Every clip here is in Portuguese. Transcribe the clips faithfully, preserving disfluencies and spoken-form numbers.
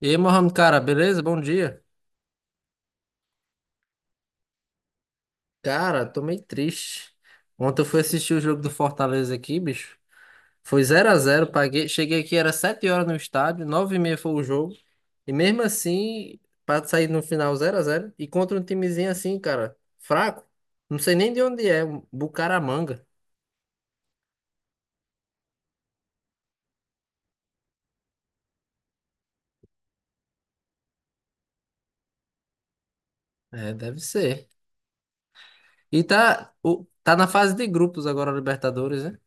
E aí, Mohamed, cara, beleza? Bom dia. Cara, tô meio triste. Ontem eu fui assistir o jogo do Fortaleza aqui, bicho. Foi zero a zero. Paguei. Cheguei aqui, era sete horas no estádio, nove e meia foi o jogo. E mesmo assim, pra sair no final zero a zero e contra um timezinho assim, cara, fraco. Não sei nem de onde é, um Bucaramanga. É, deve ser. E tá, o- tá na fase de grupos agora, Libertadores, né?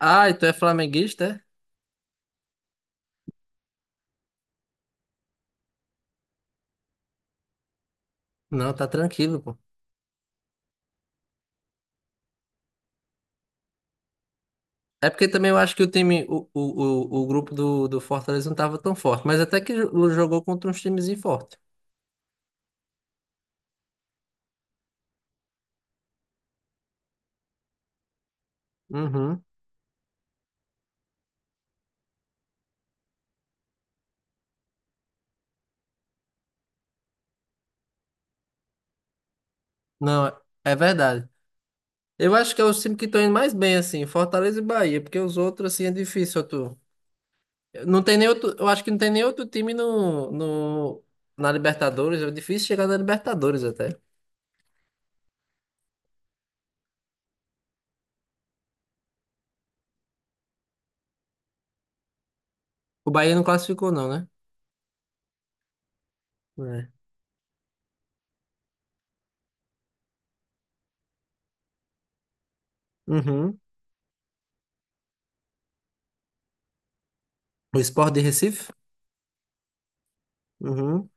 Ah, e tu é flamenguista, é? Não, tá tranquilo, pô. É porque também eu acho que o time, o, o, o, o grupo do, do Fortaleza não estava tão forte, mas até que jo- jogou contra uns times fortes. Uhum. Não, é é verdade. Eu acho que é os times que estão indo mais bem, assim, Fortaleza e Bahia, porque os outros, assim, é difícil, tu. Não tem nem outro, eu acho que não tem nem outro time no, no, na Libertadores, é difícil chegar na Libertadores até. O Bahia não classificou, não, né? É. Uhum. O Sport de Recife? Uhum.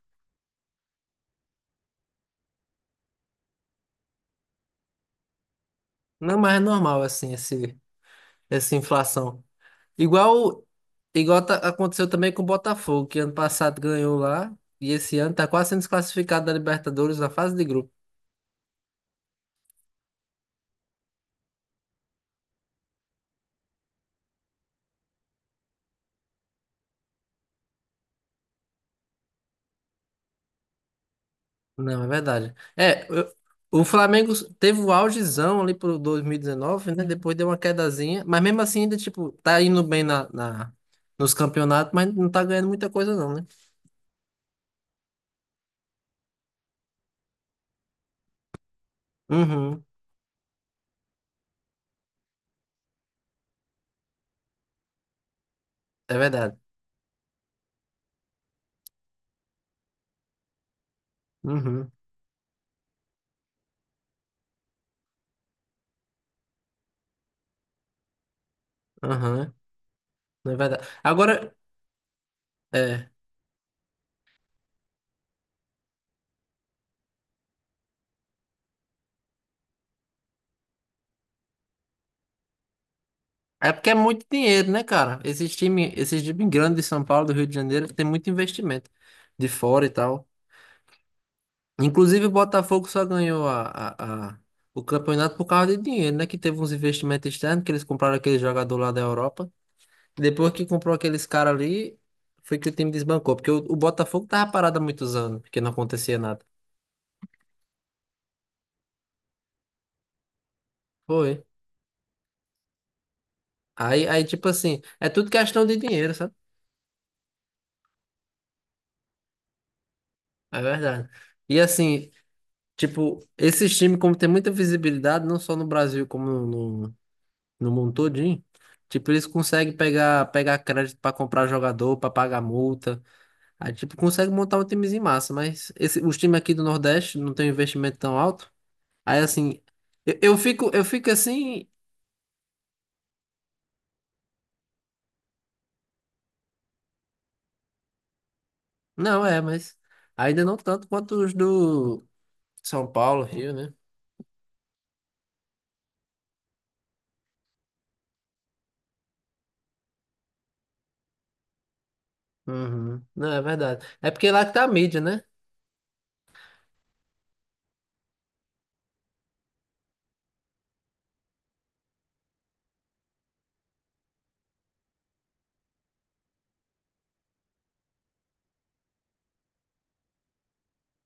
Não, mas é normal, assim, esse, essa inflação. Igual, igual tá- aconteceu também com o Botafogo, que ano passado ganhou lá e esse ano tá quase sendo desclassificado da Libertadores na fase de grupo. Não, é verdade. É, eu- o Flamengo teve o augezão ali pro dois mil e dezenove, né? Depois deu uma quedazinha, mas mesmo assim ainda, tipo, tá indo bem na, na, nos campeonatos, mas não tá ganhando muita coisa não, né? Uhum, é verdade. Uhum, aham, não é verdade. Agora, é. É porque é muito dinheiro, né, cara? Esses times, esses times grandes de São Paulo, do Rio de Janeiro, tem muito investimento de fora e tal. Inclusive, o Botafogo só ganhou a, a- a- o campeonato por causa de dinheiro, né? Que teve uns investimentos externos, que eles compraram aquele jogador lá da Europa. Depois que comprou aqueles caras ali, foi que o time desbancou. Porque o, o Botafogo tava parado há muitos anos, porque não acontecia nada. Foi. Aí, aí, tipo assim, é tudo questão de dinheiro, sabe? É verdade. E assim, tipo, esses times, como tem muita visibilidade, não só no Brasil, como no, no, no mundo todinho, tipo, eles conseguem pegar, pegar crédito para comprar jogador, para pagar multa. Aí, tipo, consegue montar um timezinho massa, mas esse, os times aqui do Nordeste não tem um investimento tão alto. Aí, assim, eu, eu fico, eu fico assim, não é, mas ainda não tanto quanto os do São Paulo, Rio, né? Uhum. Não, é verdade. É porque lá que tá a mídia, né?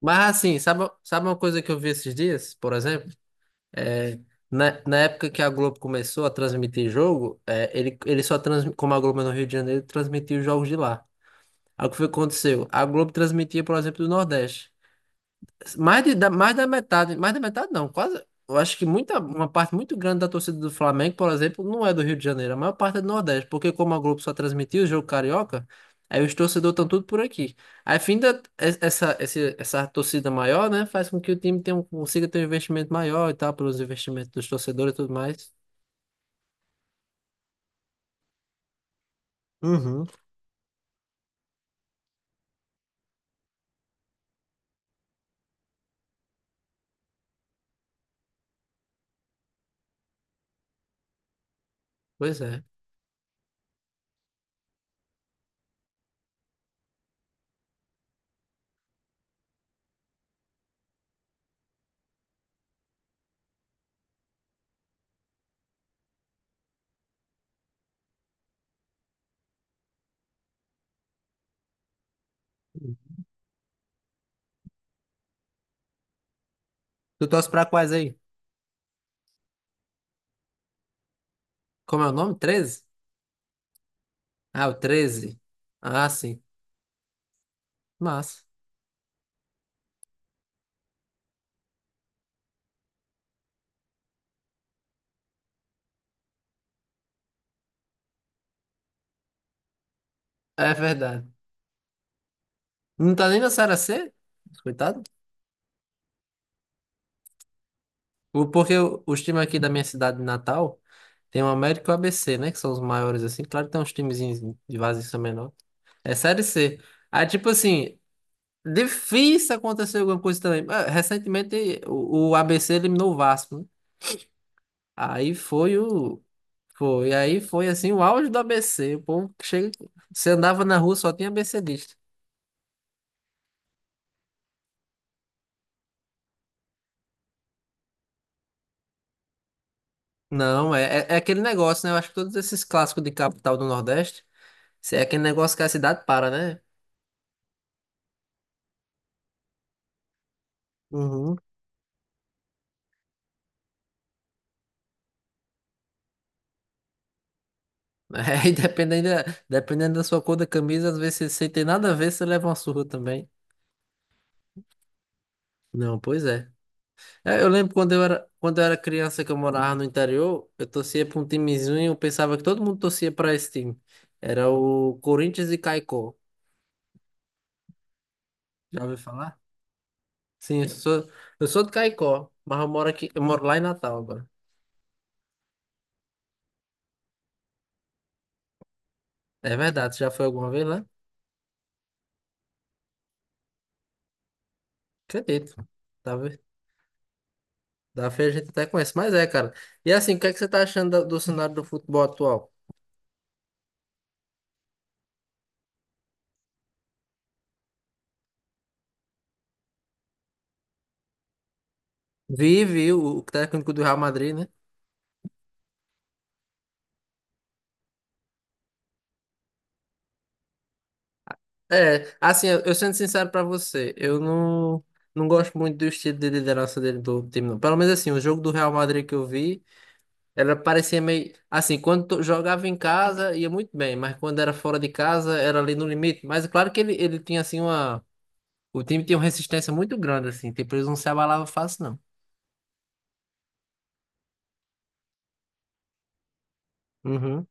Mas assim, sabe, sabe uma coisa que eu vi esses dias, por exemplo? É, na, na época que a Globo começou a transmitir jogo, é, ele, ele só transmitia, como a Globo é no Rio de Janeiro, transmitia os jogos de lá. Aí o que foi que aconteceu? A Globo transmitia, por exemplo, do Nordeste. Mais, de, da, mais da metade, mais da metade não, quase. Eu acho que muita, uma parte muito grande da torcida do Flamengo, por exemplo, não é do Rio de Janeiro, a maior parte é do Nordeste, porque como a Globo só transmitia o jogo carioca, aí os torcedores estão tudo por aqui. Aí, fim da, es- essa, esse- essa torcida maior, né, faz com que o time tenha um- consiga ter um investimento maior e tal, pelos investimentos dos torcedores e tudo mais. Uhum. Pois é. Tu torce pra quais aí? Como é o nome? Treze. Ah, o Treze. Ah, sim. Massa. É verdade. Não tá nem na Série C? Coitado. O- Porque o- os times aqui da minha cidade natal tem o América e o A B C, né? Que são os maiores, assim. Claro que tem uns timezinhos de vaso que são menor. É Série C. Aí, tipo assim, difícil acontecer alguma coisa também. Ah, recentemente, o, o A B C eliminou o Vasco, né? Aí foi o. Foi. Aí foi, assim, o auge do A B C. O povo que chega. Você andava na rua, só tinha ABCdista. Não, é, é, é aquele negócio, né? Eu acho que todos esses clássicos de capital do Nordeste, é aquele negócio que a cidade para, né? Uhum. É, e dependendo, da- dependendo da sua cor da camisa, às vezes você sem ter nada a ver, você leva uma surra também. Não, pois é. É, eu lembro quando eu era, quando eu era criança que eu morava no interior, eu torcia para um timezinho e eu pensava que todo mundo torcia para esse time. Era o Corinthians e Caicó. Já ouviu falar? Sim, eu sou, eu sou de Caicó, mas eu moro aqui, eu moro lá em Natal agora. É verdade, você já foi alguma vez lá? Acredito. Tá, vendo? Da feira a gente até conhece, mas é, cara. E assim, o que é que você tá achando da- do cenário do futebol atual? Vi, vi, o o técnico do Real Madrid, né? É, assim, eu, eu sendo sincero pra você, eu não, não gosto muito do estilo de liderança dele do time, não. Pelo menos assim, o jogo do Real Madrid que eu vi, ela parecia meio. Assim, quando to- jogava em casa ia muito bem, mas quando era fora de casa era ali no limite. Mas é claro que ele, ele tinha assim uma. O time tinha uma resistência muito grande, assim, tipo, eles não se abalavam fácil, não. Uhum,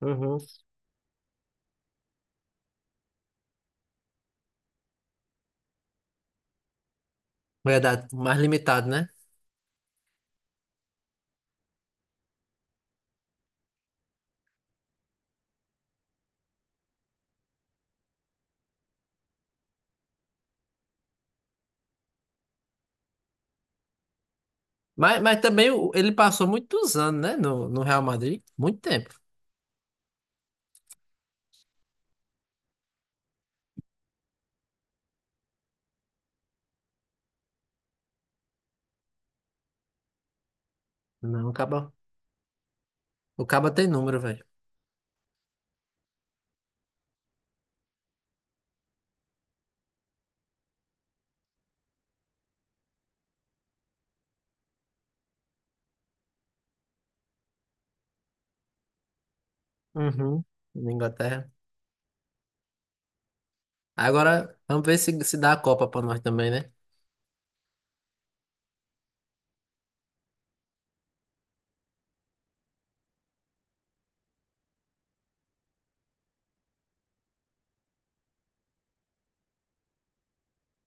uhum. Verdade, mais limitado, né? Mas, mas também o- ele passou muitos anos, né, no, no Real Madrid, muito tempo. Não, o Caba, o Caba tem número, velho. Uhum. Na Inglaterra. Agora, vamos ver se, se dá a Copa pra nós também, né?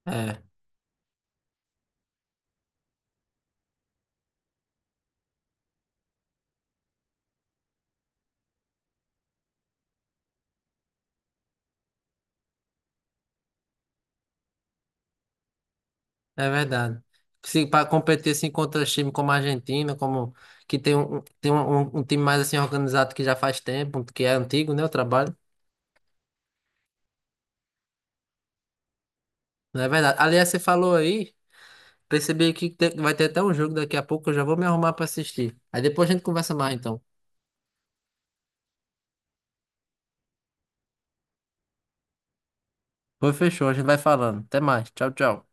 É, é verdade. Se para competir assim contra time como a Argentina, como que tem um, um- tem um, um- um time mais assim organizado que já faz tempo, que é antigo, né, o trabalho. Não é verdade. Aliás, você falou aí, percebi aqui que tem- vai ter até um jogo daqui a pouco, eu já vou me arrumar pra assistir. Aí depois a gente conversa mais então. Pois fechou, a gente vai falando. Até mais. Tchau, tchau.